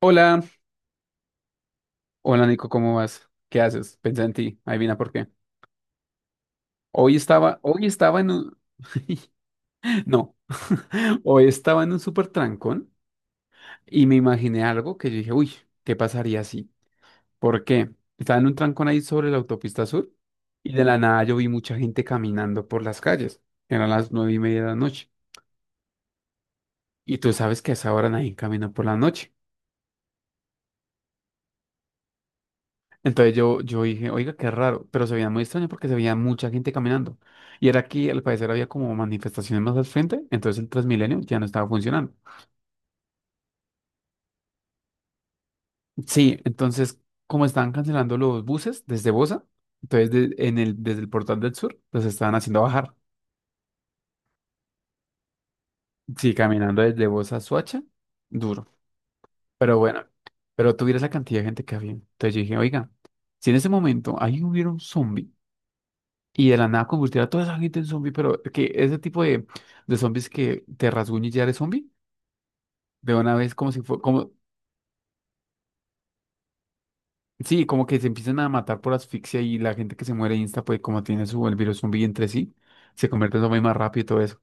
Hola, hola Nico, ¿cómo vas? ¿Qué haces? Pensé en ti, adivina por qué. Hoy estaba en un... No, hoy estaba en un súper trancón y me imaginé algo que yo dije, uy, ¿qué pasaría así? ¿Por qué? Estaba en un trancón ahí sobre la autopista sur y de la nada yo vi mucha gente caminando por las calles. Eran las nueve y media de la noche. Y tú sabes que a esa hora nadie camina por la noche. Entonces yo dije, oiga, qué raro, pero se veía muy extraño porque se veía mucha gente caminando. Y era que al parecer había como manifestaciones más al frente, entonces el Transmilenio ya no estaba funcionando. Sí, entonces como estaban cancelando los buses desde Bosa, entonces en desde el Portal del Sur los estaban haciendo bajar. Sí, caminando desde Bosa a Soacha, duro. Pero bueno, pero tú vieras la cantidad de gente que había. Entonces yo dije, oiga, si en ese momento ahí hubiera un zombie, y de la nada convertir a toda esa gente en zombie, pero que ese tipo de zombies que te rasguña y ya eres zombie, de una vez como si fue, como, sí, como que se empiezan a matar por asfixia y la gente que se muere insta, pues como tiene su, el virus zombie entre sí, se convierte en zombie más rápido y todo eso.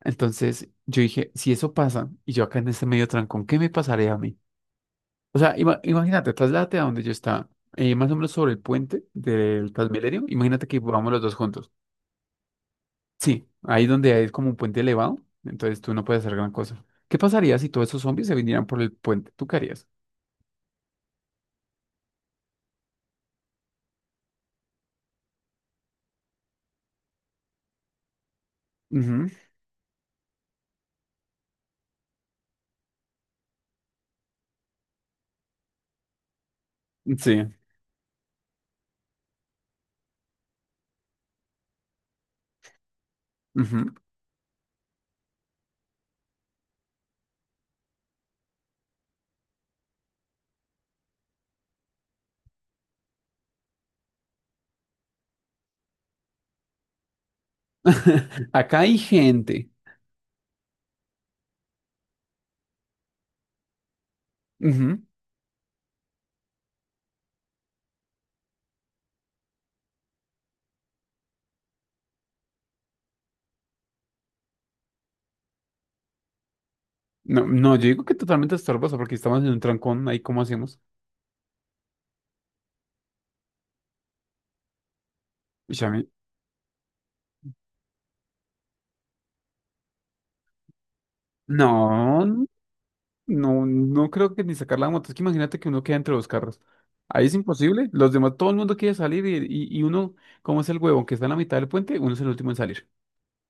Entonces yo dije, si eso pasa y yo acá en este medio trancón, ¿qué me pasaría a mí? O sea, imagínate, trasládate a donde yo estaba, más o menos sobre el puente del Transmilenio, imagínate que vamos los dos juntos. Sí, ahí donde hay como un puente elevado, entonces tú no puedes hacer gran cosa. ¿Qué pasaría si todos esos zombies se vinieran por el puente? ¿Tú qué harías? Ujú. Sí. Ujú. Acá hay gente. Ujú. No, no, yo digo que totalmente estorbosa porque estamos en un trancón, ahí cómo hacemos. Uy, a mí... No, no, no creo que ni sacar la moto. Es que imagínate que uno queda entre los carros. Ahí es imposible. Los demás, todo el mundo quiere salir y uno, como es el huevón que está en la mitad del puente, uno es el último en salir.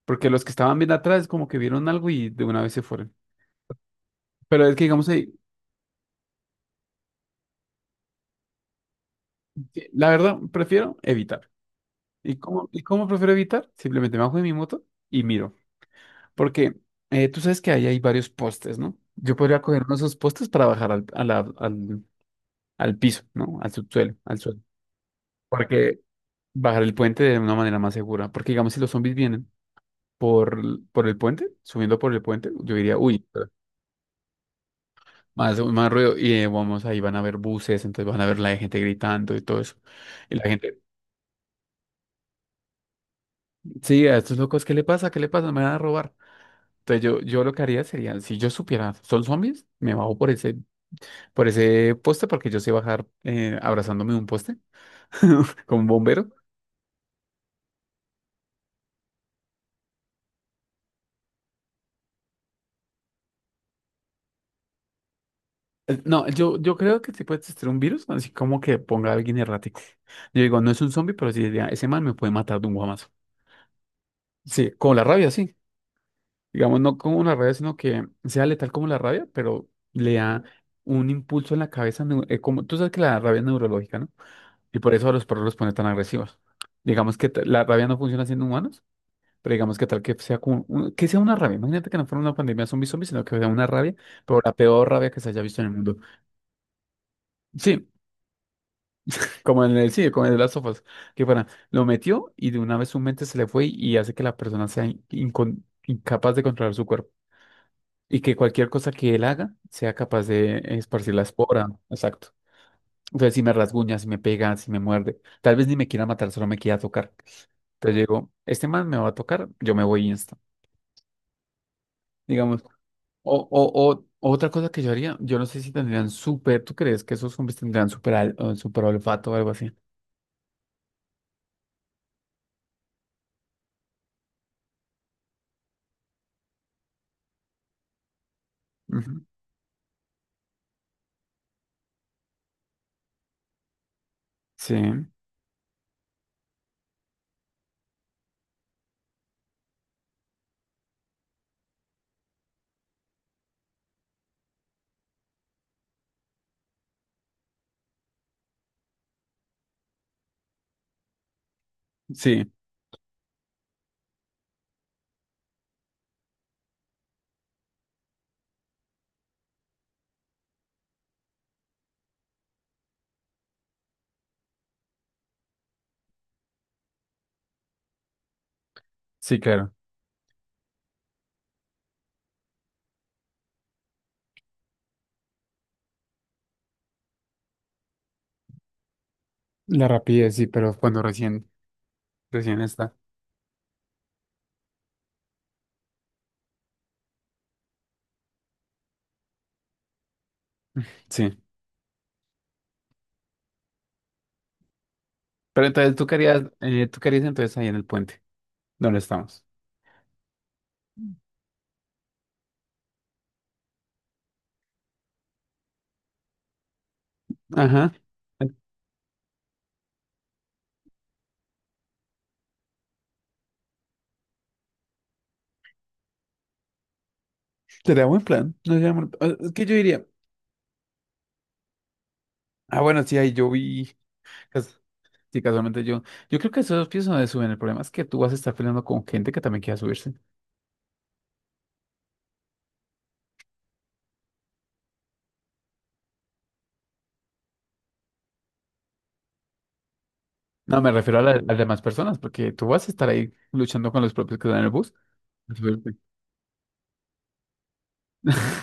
Porque los que estaban bien atrás como que vieron algo y de una vez se fueron. Pero es que digamos, ahí, que la verdad, prefiero evitar. Y cómo prefiero evitar? Simplemente me bajo de mi moto y miro. Porque tú sabes que ahí hay varios postes, ¿no? Yo podría coger uno de esos postes para bajar al, al piso, ¿no? Al subsuelo, al suelo. Porque bajar el puente de una manera más segura. Porque digamos, si los zombies vienen por, por el puente, subiendo por el puente, yo diría, uy, más, más ruido. Y vamos, ahí van a ver buses, entonces van a ver la gente gritando y todo eso. Y la gente, sí, a estos locos, ¿qué le pasa? ¿Qué le pasa? Me van a robar. Entonces yo lo que haría sería, si yo supiera, son zombies, me bajo por por ese poste porque yo sé bajar abrazándome de un poste como un bombero. No, yo creo que sí puede existir un virus, así como que ponga a alguien errático. Yo digo, no es un zombie, pero sí diría, ese man me puede matar de un guamazo. Sí, con la rabia, sí. Digamos, no como una rabia, sino que sea letal como la rabia, pero le da un impulso en la cabeza, como tú sabes que la rabia es neurológica, ¿no? Y por eso a los perros los pone tan agresivos. Digamos que la rabia no funciona siendo humanos, pero digamos que tal que sea como que sea una rabia. Imagínate que no fuera una pandemia zombie zombie, sino que sea una rabia, pero la peor rabia que se haya visto en el mundo. Sí, como en el sí, como en las sofas, que fuera, lo metió y de una vez su mente se le fue y hace que la persona sea incapaz de controlar su cuerpo. Y que cualquier cosa que él haga sea capaz de esparcir la espora. Exacto. Entonces, si me rasguña, si me pega, si me muerde, tal vez ni me quiera matar, solo me quiera tocar. Entonces yo digo, este man me va a tocar, yo me voy insta, digamos. O, o, o otra cosa que yo haría, yo no sé si tendrían súper, ¿tú crees que esos zombies tendrían súper al- o súper olfato o algo así? Ujú. Sí, sí, sí, claro. La rapidez, sí, pero cuando recién, recién está. Sí. Pero entonces tú querías entonces ahí en el puente, donde estamos. Ajá. Sería buen plan. No sería es que yo diría, ah, bueno, sí, ahí yo vi, cas- sí, casualmente yo, yo creo que esos pisos no se suben. El problema es que tú vas a estar peleando con gente que también quiera subirse. No, me refiero a, a las demás personas, porque tú vas a estar ahí luchando con los propios que están en el bus. Suerte.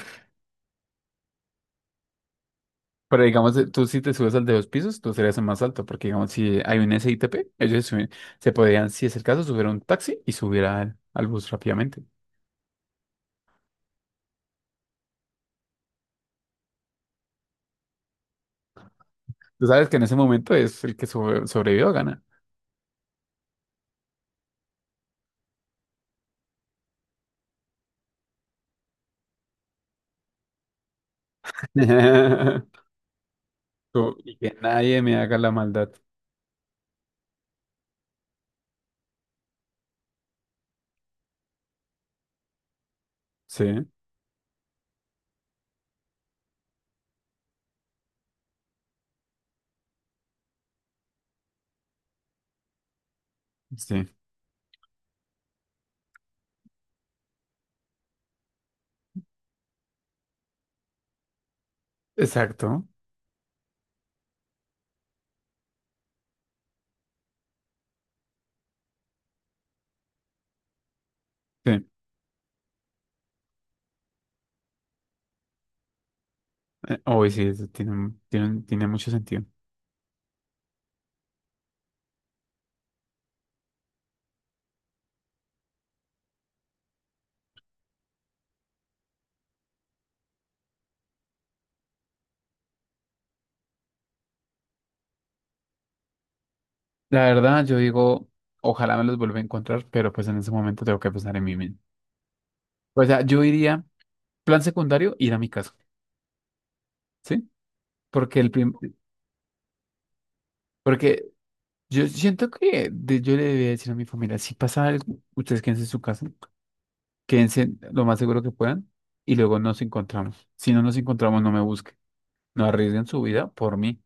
Pero digamos, tú si te subes al de dos pisos, tú serías el más alto, porque digamos, si hay un SITP, se podrían, si es el caso, subir a un taxi y subir al bus rápidamente. Tú sabes que en ese momento es el que sobrevivió gana. Y que nadie me haga la maldad. Sí, sí, exacto. Sí, hoy sí, eso tiene, tiene, tiene mucho sentido. La verdad, yo digo, ojalá me los vuelva a encontrar, pero pues en ese momento tengo que pensar en mí mismo. O sea, yo iría, plan secundario, ir a mi casa, ¿sí? Porque porque yo siento que yo le debía decir a mi familia, si pasa algo, ustedes quédense en su casa, quédense lo más seguro que puedan y luego nos encontramos. Si no nos encontramos, no me busquen, no arriesguen su vida por mí.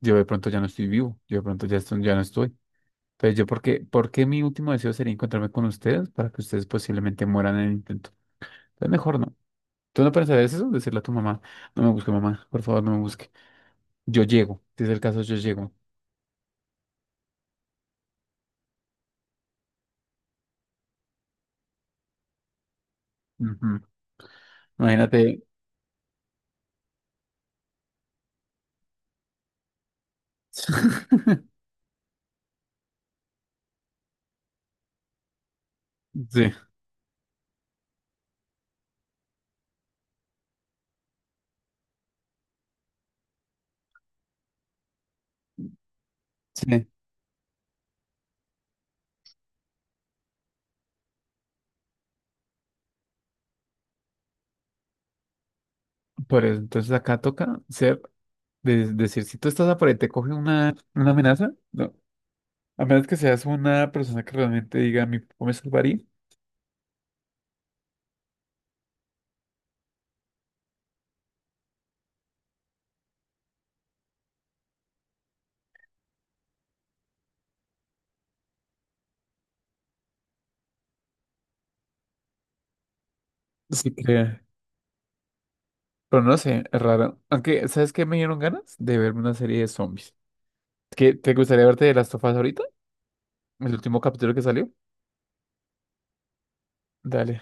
Yo de pronto ya no estoy vivo, yo de pronto ya, ya no estoy. Entonces, yo, por qué mi último deseo sería encontrarme con ustedes para que ustedes posiblemente mueran en el intento? Entonces, mejor no. ¿Tú no pensarías eso? Decirle a tu mamá, no me busque, mamá, por favor, no me busque. Yo llego, si es el caso, yo llego. Ujú. Imagínate. Sí, sí. Por eso, entonces acá toca ser, decir, si tú estás a por ahí, te coge una amenaza, no. A menos que seas una persona que realmente diga, mi papá me salvaría. Sí, pero no sé, es raro. Aunque, ¿sabes qué me dieron ganas? De verme una serie de zombies. Es que, ¿te gustaría verte de Last of Us ahorita? El último capítulo que salió. Dale.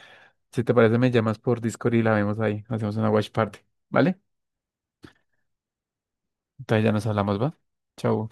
Si te parece, me llamas por Discord y la vemos ahí. Hacemos una watch party. ¿Vale? Entonces ya nos hablamos, ¿va? Chau.